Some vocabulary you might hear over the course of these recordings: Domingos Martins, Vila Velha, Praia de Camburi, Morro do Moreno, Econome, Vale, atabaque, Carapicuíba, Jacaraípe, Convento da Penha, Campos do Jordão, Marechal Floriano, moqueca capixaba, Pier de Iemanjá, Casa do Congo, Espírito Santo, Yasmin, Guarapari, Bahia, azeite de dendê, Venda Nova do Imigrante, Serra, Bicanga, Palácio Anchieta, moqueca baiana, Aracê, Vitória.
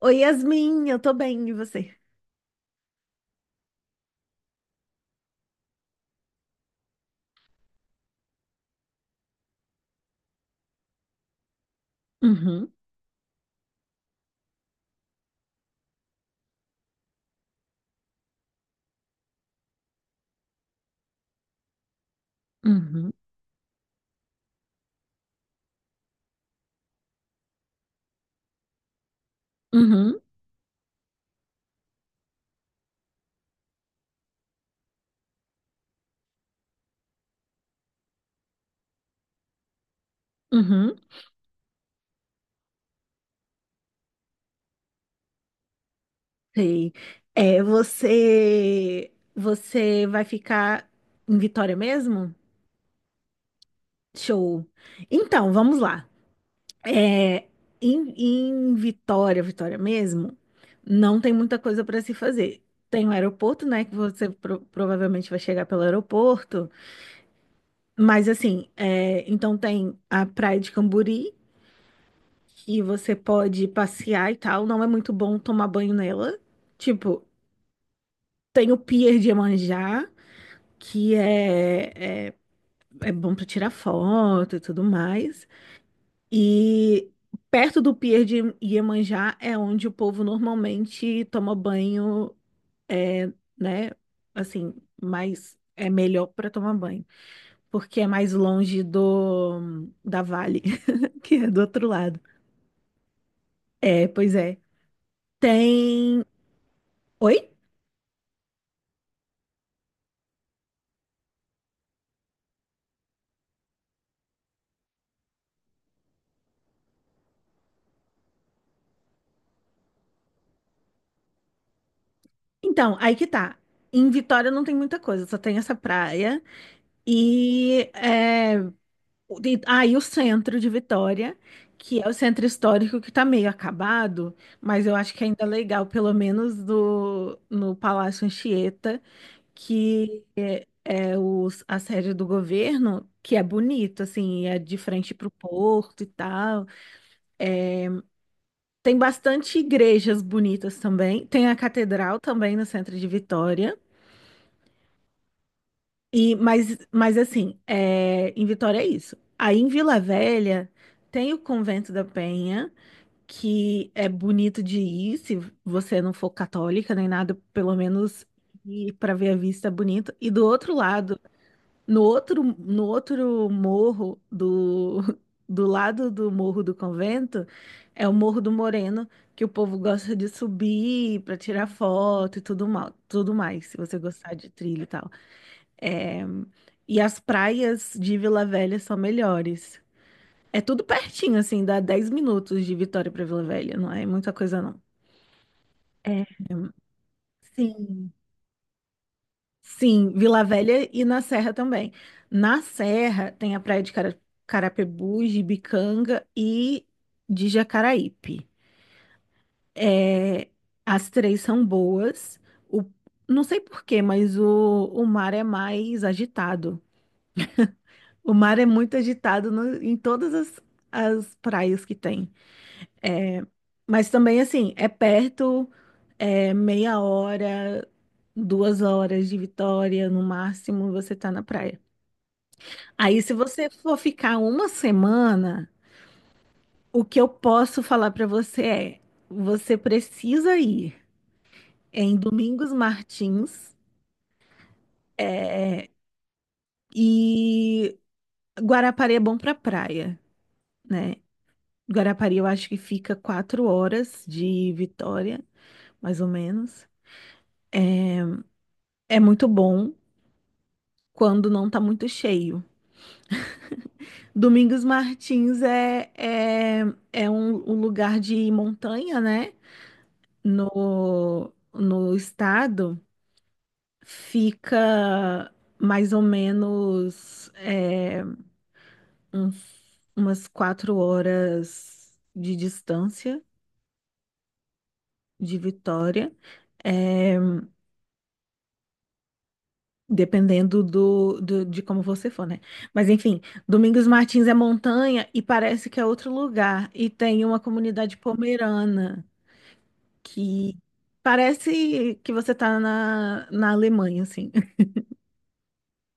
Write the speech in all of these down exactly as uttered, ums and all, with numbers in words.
Oi, Yasmin, eu tô bem, e você? Uhum, uhum, uhum, uhum. Sei. É, você você vai ficar em Vitória mesmo? Show. Então, vamos lá. É, em, em Vitória, Vitória mesmo, não tem muita coisa para se fazer. Tem o aeroporto, né, que você pro- provavelmente vai chegar pelo aeroporto, mas assim, é, então tem a Praia de Camburi, que você pode passear e tal. Não é muito bom tomar banho nela. Tipo, tem o Pier de Iemanjá, que é, é, é bom pra tirar foto e tudo mais. E perto do Pier de Iemanjá é onde o povo normalmente toma banho, é, né? Assim, mas é melhor pra tomar banho, porque é mais longe do da Vale, que é do outro lado. É, pois é. Tem. Oi? Então, aí que tá. Em Vitória não tem muita coisa, só tem essa praia e, é, o- e- ah, e o centro de Vitória, que é o centro histórico que tá meio acabado, mas eu acho que ainda é legal, pelo menos do, no Palácio Anchieta, que é é os, a sede do governo, que é bonito, assim, é de frente para o porto e tal. Tem bastante igrejas bonitas também. Tem a catedral também no centro de Vitória. E, mas, mas assim, é, em Vitória é isso. Aí em Vila Velha tem o Convento da Penha, que é bonito de ir, se você não for católica nem nada, pelo menos ir para ver a vista é bonito. E do outro lado, no outro, no outro morro do, do lado do morro do convento, é o Morro do Moreno, que o povo gosta de subir para tirar foto e tudo mal, tudo mais, se você gostar de trilha e tal. É, E as praias de Vila Velha são melhores. É tudo pertinho, assim, dá dez minutos de Vitória para Vila Velha, não é muita coisa, não. É, Sim. Sim, Vila Velha e na Serra também. Na Serra tem a praia de Cara- Carapicuíba, de Bicanga e de Jacaraípe. É, As três são boas. O, não sei por quê, mas o, o mar é mais agitado. O mar é muito agitado no- em todas as, as praias que tem. É, mas também, assim, é perto, é meia hora, duas horas de Vitória, no máximo, você tá na praia. Aí, se você for ficar uma semana, o que eu posso falar pra você é: você precisa ir em Domingos Martins, e Guarapari é bom pra praia, né? Guarapari, eu acho que fica quatro horas de Vitória, mais ou menos. É muito bom quando não tá muito cheio. Domingos Martins é, é, é um, um lugar de montanha, né? No, no estado. Fica mais ou menos, é, uns- umas quatro horas de distância de Vitória. É, Dependendo do, do- de como você for, né? Mas enfim, Domingos Martins é montanha e parece que é outro lugar. E tem uma comunidade pomerana que parece que você tá na, na Alemanha, assim.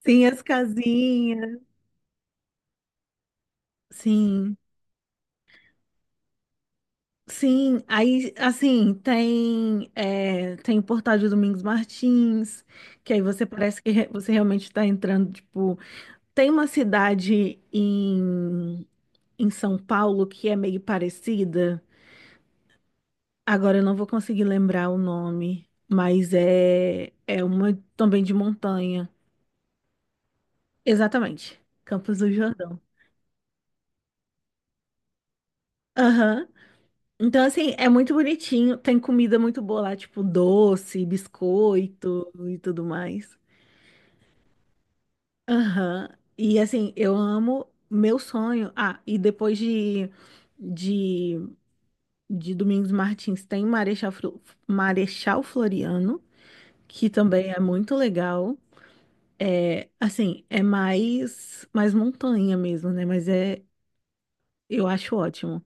Sim, as casinhas. Sim, sim. Aí, assim, tem, é, tem o portal de Domingos Martins, que aí você parece que re- você realmente está entrando, tipo, tem uma cidade em em São Paulo que é meio parecida. Agora eu não vou conseguir lembrar o nome, mas é é uma também de montanha. Exatamente, Campos do Jordão. Aham. Então, assim, é muito bonitinho. Tem comida muito boa lá, tipo doce, biscoito e tudo mais. Aham. E, assim, eu amo meu sonho. Ah, e depois de, de, de Domingos Martins, tem Marechal, Fro- Marechal Floriano, que também é muito legal. É, assim, é mais mais montanha mesmo, né? Mas é, eu acho ótimo.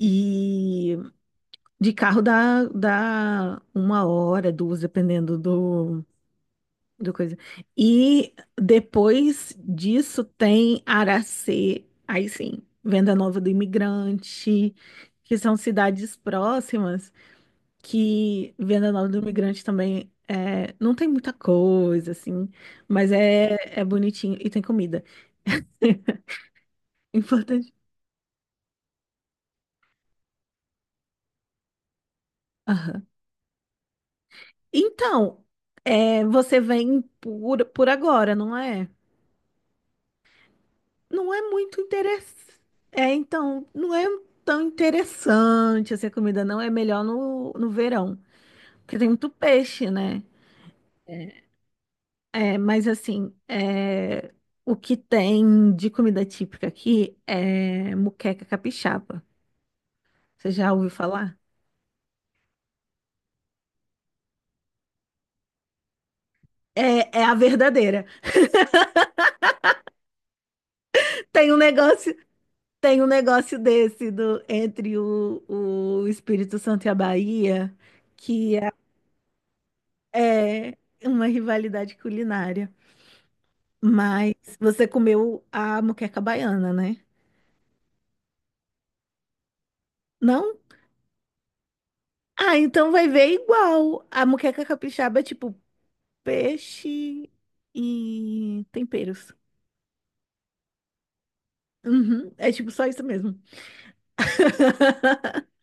E de carro dá, dá uma hora, duas, dependendo do, do coisa. E depois disso tem Aracê, aí sim, Venda Nova do Imigrante, que são cidades próximas. Que Venda Nova do Imigrante também é, não tem muita coisa, assim, mas é, é, bonitinho e tem comida. Importante. Aham. Então, é, você vem por, por agora, não é? Não é muito interessante. É, então, não é tão interessante assim, a comida, não. É melhor no, no verão, porque tem muito peixe, né? É, mas assim, é, o que tem de comida típica aqui é moqueca capixaba. Você já ouviu falar? É, é a verdadeira. Tem um negócio, tem um negócio desse, do entre o, o Espírito Santo e a Bahia, que é, é uma rivalidade culinária. Mas você comeu a moqueca baiana, né? Não? Ah, então vai ver igual. A moqueca capixaba é tipo peixe e temperos. Uhum, é tipo só isso mesmo.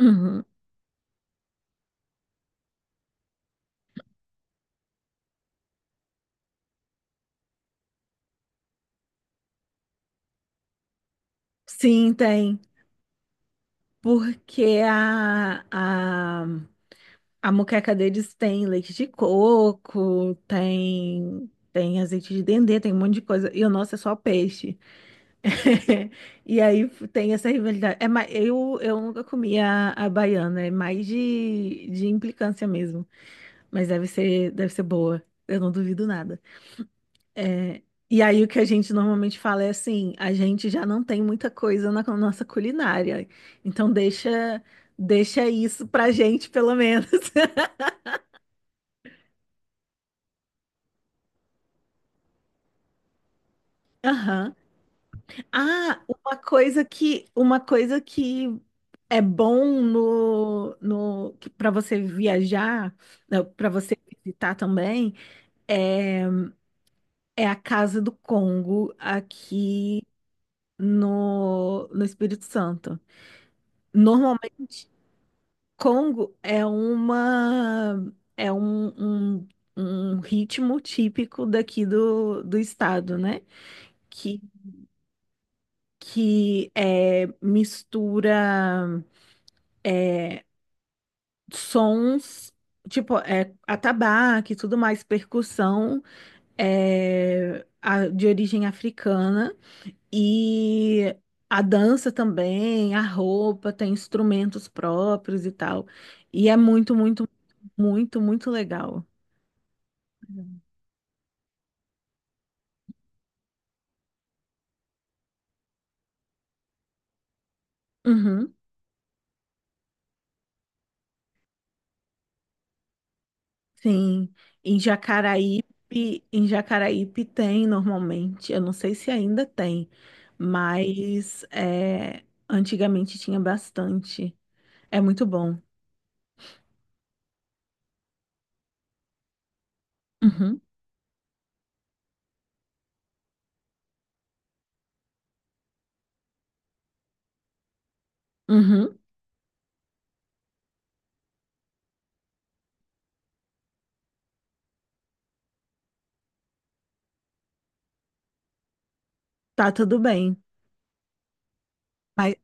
Uhum. Sim, tem. Porque a, a, a moqueca deles tem leite de coco, tem, tem azeite de dendê, tem um monte de coisa. E o nosso é só peixe. E aí f- tem essa rivalidade. É, ma- eu, eu nunca comi a, a baiana, é mais de, de implicância mesmo. Mas deve ser, deve ser boa. Eu não duvido nada. É, e aí o que a gente normalmente fala é assim, a gente já não tem muita coisa na co- nossa culinária, então deixa deixa isso pra gente pelo menos. Aham. Ah, uma coisa que uma coisa que é bom no no para você viajar, para você visitar também, é é a Casa do Congo aqui no no Espírito Santo. Normalmente Congo é uma é um, um, um ritmo típico daqui do, do estado, né? Que, que é, mistura sons, tipo, é, atabaque e tudo mais, percussão, é, a- de origem africana, e a dança também, a roupa, tem instrumentos próprios e tal. E é muito, muito, muito, muito legal. Uhum. Sim, em Jacaraípe, em Jacaraípe tem normalmente, eu não sei se ainda tem, mas é, antigamente tinha bastante. É muito bom. Uhum, uhum, tá tudo bem. Mas,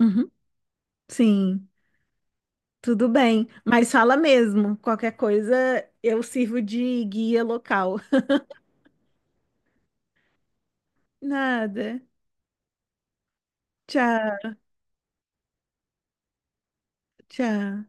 uhum, sim, tudo bem. Mas fala mesmo, qualquer coisa eu sirvo de guia local. Nada. Tchau, tchau.